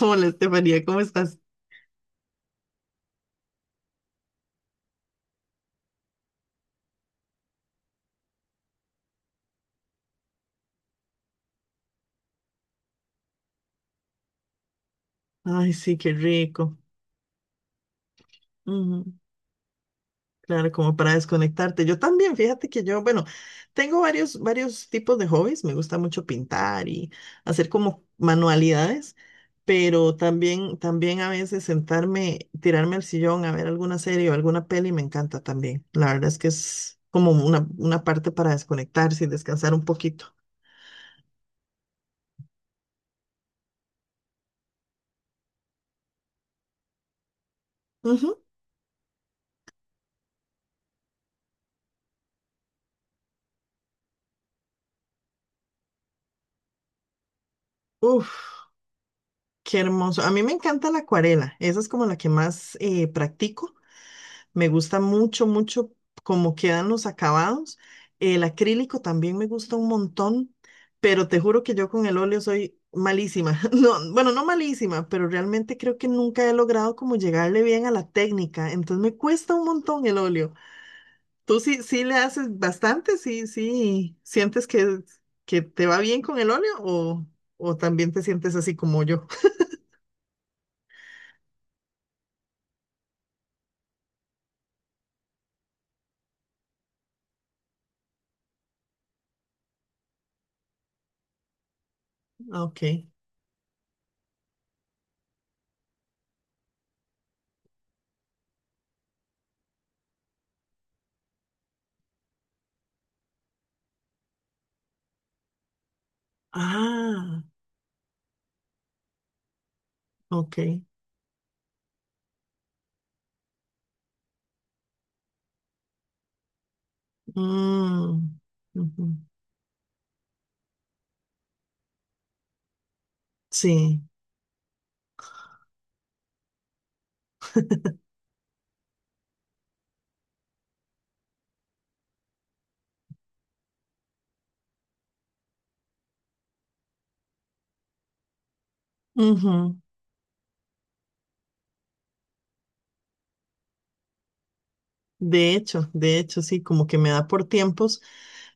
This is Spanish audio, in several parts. Hola, Estefanía, ¿cómo estás? Ay, sí, qué rico. Ujú. Claro, como para desconectarte. Yo también, fíjate que yo, bueno, tengo varios tipos de hobbies. Me gusta mucho pintar y hacer como manualidades, pero también a veces sentarme, tirarme al sillón a ver alguna serie o alguna peli me encanta también. La verdad es que es como una parte para desconectarse y descansar un poquito. Ujú. Uf, qué hermoso. A mí me encanta la acuarela. Esa es como la que más practico. Me gusta mucho, mucho cómo quedan los acabados. El acrílico también me gusta un montón, pero te juro que yo con el óleo soy malísima. No, bueno, no malísima, pero realmente creo que nunca he logrado como llegarle bien a la técnica. Entonces me cuesta un montón el óleo. Tú sí, sí le haces bastante, sí, sí. ¿Sientes que te va bien con el óleo o también te sientes así como yo? Ok. Ah, ok. Mm, ujú. Sí. Ujú. De hecho, sí, como que me da por tiempos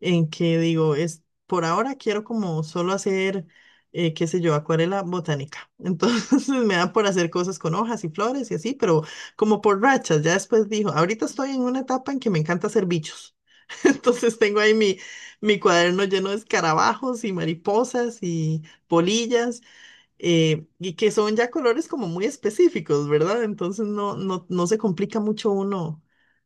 en que digo, es por ahora quiero como solo hacer, qué sé yo, acuarela botánica. Entonces me da por hacer cosas con hojas y flores y así, pero como por rachas. Ya después dijo, ahorita estoy en una etapa en que me encanta hacer bichos. Entonces tengo ahí mi cuaderno lleno de escarabajos y mariposas y polillas y que son ya colores como muy específicos, ¿verdad? Entonces no, no, no se complica mucho uno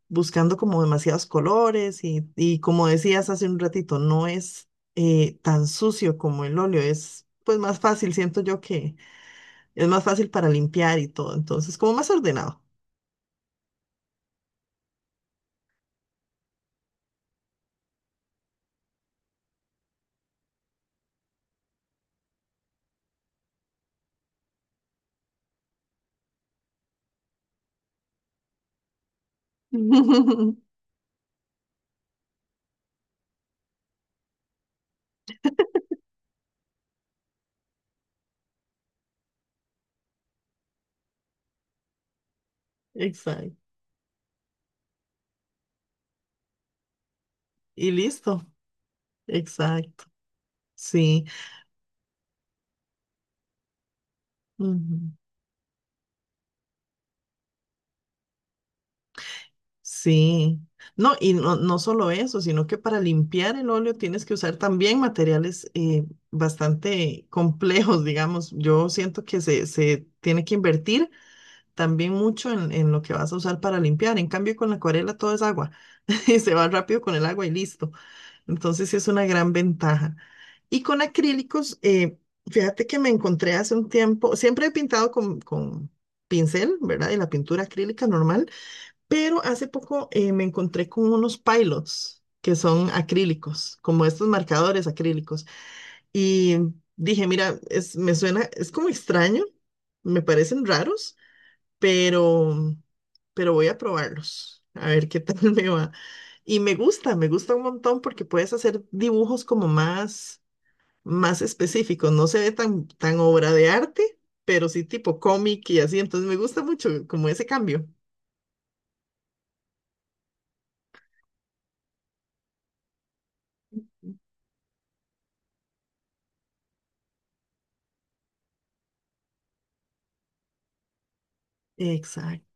buscando como demasiados colores y como decías hace un ratito, no es tan sucio como el óleo, es pues más fácil, siento yo que es más fácil para limpiar y todo, entonces como más ordenado. Exacto. Y listo, exacto, sí. Ujú. Sí, no, y no, no solo eso, sino que para limpiar el óleo tienes que usar también materiales bastante complejos, digamos. Yo siento que se tiene que invertir también mucho en lo que vas a usar para limpiar. En cambio, con la acuarela todo es agua y se va rápido con el agua y listo. Entonces, sí es una gran ventaja. Y con acrílicos, fíjate que me encontré hace un tiempo, siempre he pintado con pincel, ¿verdad? Y la pintura acrílica normal, pero hace poco me encontré con unos pilots que son acrílicos, como estos marcadores acrílicos. Y dije, mira, es, me suena, es como extraño, me parecen raros, pero, pero voy a probarlos, a ver qué tal me va. Y me gusta un montón porque puedes hacer dibujos como más, más específicos. No se ve tan, tan obra de arte, pero sí tipo cómic y así. Entonces me gusta mucho como ese cambio. Exacto.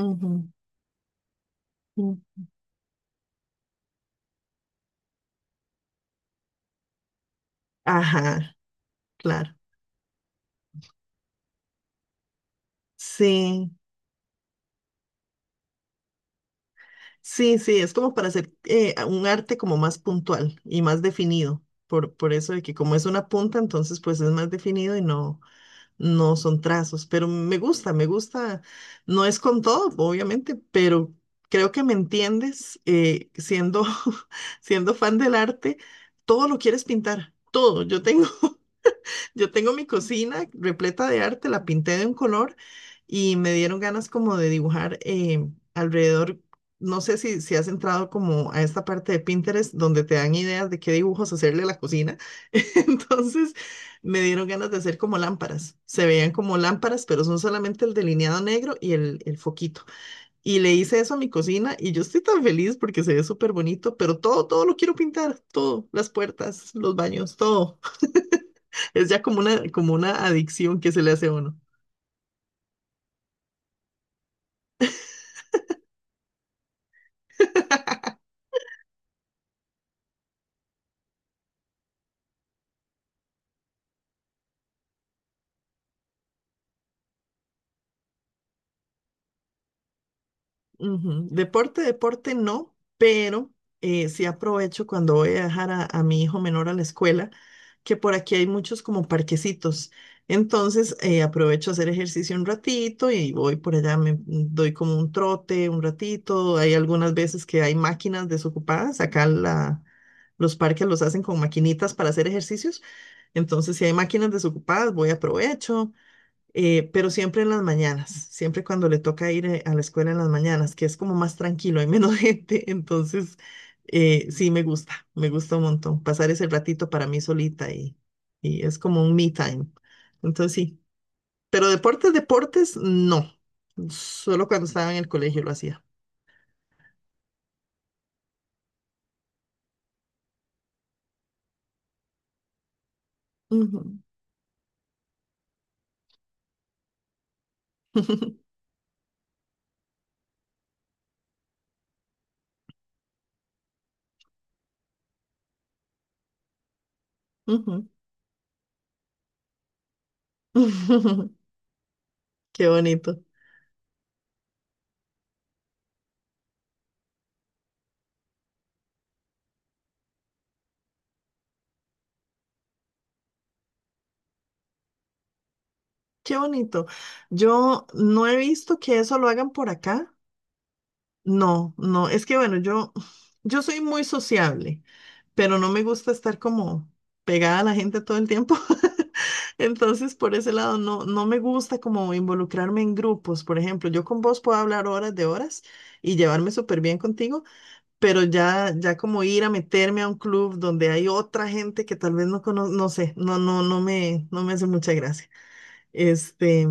Ujú, ujú. Ajá, claro. Sí, sí, sí, es como para hacer un arte como más puntual y más definido, por eso de que como es una punta, entonces pues es más definido y no son trazos, pero me gusta, no es con todo, obviamente, pero creo que me entiendes, siendo, siendo fan del arte, todo lo quieres pintar, todo, yo tengo mi cocina repleta de arte, la pinté de un color y me dieron ganas como de dibujar alrededor. No sé si has entrado como a esta parte de Pinterest donde te dan ideas de qué dibujos hacerle a la cocina. Entonces me dieron ganas de hacer como lámparas. Se veían como lámparas, pero son solamente el delineado negro y el foquito. Y le hice eso a mi cocina y yo estoy tan feliz porque se ve súper bonito, pero todo, todo lo quiero pintar, todo, las puertas, los baños, todo. Es ya como una adicción que se le hace a uno. Ujú. Deporte, deporte no, pero sí aprovecho cuando voy a dejar a mi hijo menor a la escuela, que por aquí hay muchos como parquecitos. Entonces aprovecho a hacer ejercicio un ratito y voy por allá, me doy como un trote un ratito. Hay algunas veces que hay máquinas desocupadas. Acá los parques los hacen con maquinitas para hacer ejercicios. Entonces si hay máquinas desocupadas, voy aprovecho. Pero siempre en las mañanas, siempre cuando le toca ir a la escuela en las mañanas, que es como más tranquilo, hay menos gente, entonces sí me gusta un montón pasar ese ratito para mí solita y es como un me time, entonces sí, pero deportes, deportes, no, solo cuando estaba en el colegio lo hacía. Ujú, ujú. Qué bonito, qué bonito. Yo no he visto que eso lo hagan por acá. No, no, es que bueno, yo soy muy sociable, pero no me gusta estar como pegada a la gente todo el tiempo. Entonces, por ese lado, no, no me gusta como involucrarme en grupos. Por ejemplo, yo con vos puedo hablar horas de horas y llevarme súper bien contigo, pero ya, ya como ir a meterme a un club donde hay otra gente que tal vez no conozco, no sé, no, no, no me hace mucha gracia. Este,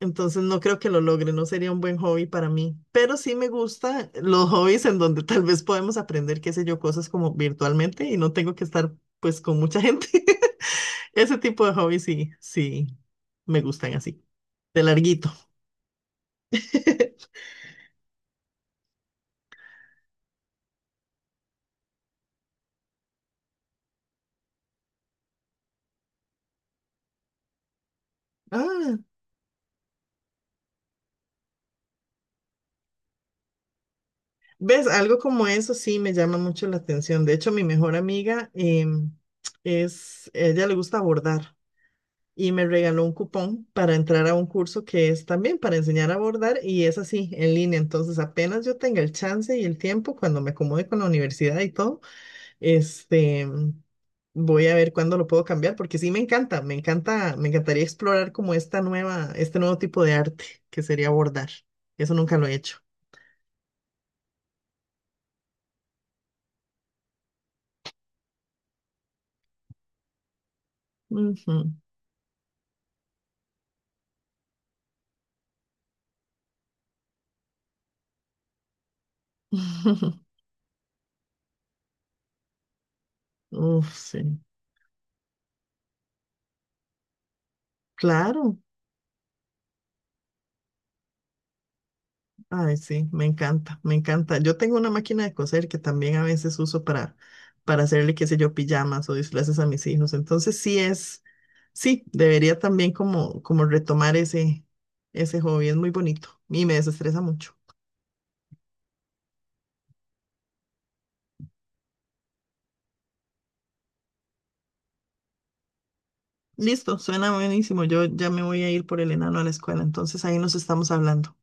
entonces no creo que lo logre, no sería un buen hobby para mí, pero sí me gusta los hobbies en donde tal vez podemos aprender, qué sé yo, cosas como virtualmente y no tengo que estar pues con mucha gente. Ese tipo de hobbies sí, sí, me gustan así, de larguito. Ah, ves, algo como eso sí me llama mucho la atención. De hecho, mi mejor amiga ella le gusta bordar y me regaló un cupón para entrar a un curso que es también para enseñar a bordar y es así, en línea. Entonces, apenas yo tenga el chance y el tiempo, cuando me acomode con la universidad y todo, este, voy a ver cuándo lo puedo cambiar, porque sí me encanta, me encanta, me encantaría explorar como este nuevo tipo de arte que sería bordar. Eso nunca lo he hecho. Ujú. Uf, sí. Claro. Ay, sí, me encanta, me encanta. Yo tengo una máquina de coser que también a veces uso para hacerle, qué sé yo, pijamas o disfraces a mis hijos. Entonces sí es, sí, debería también como retomar ese hobby. Es muy bonito y me desestresa mucho. Listo, suena buenísimo. Yo ya me voy a ir por el enano a la escuela, entonces ahí nos estamos hablando.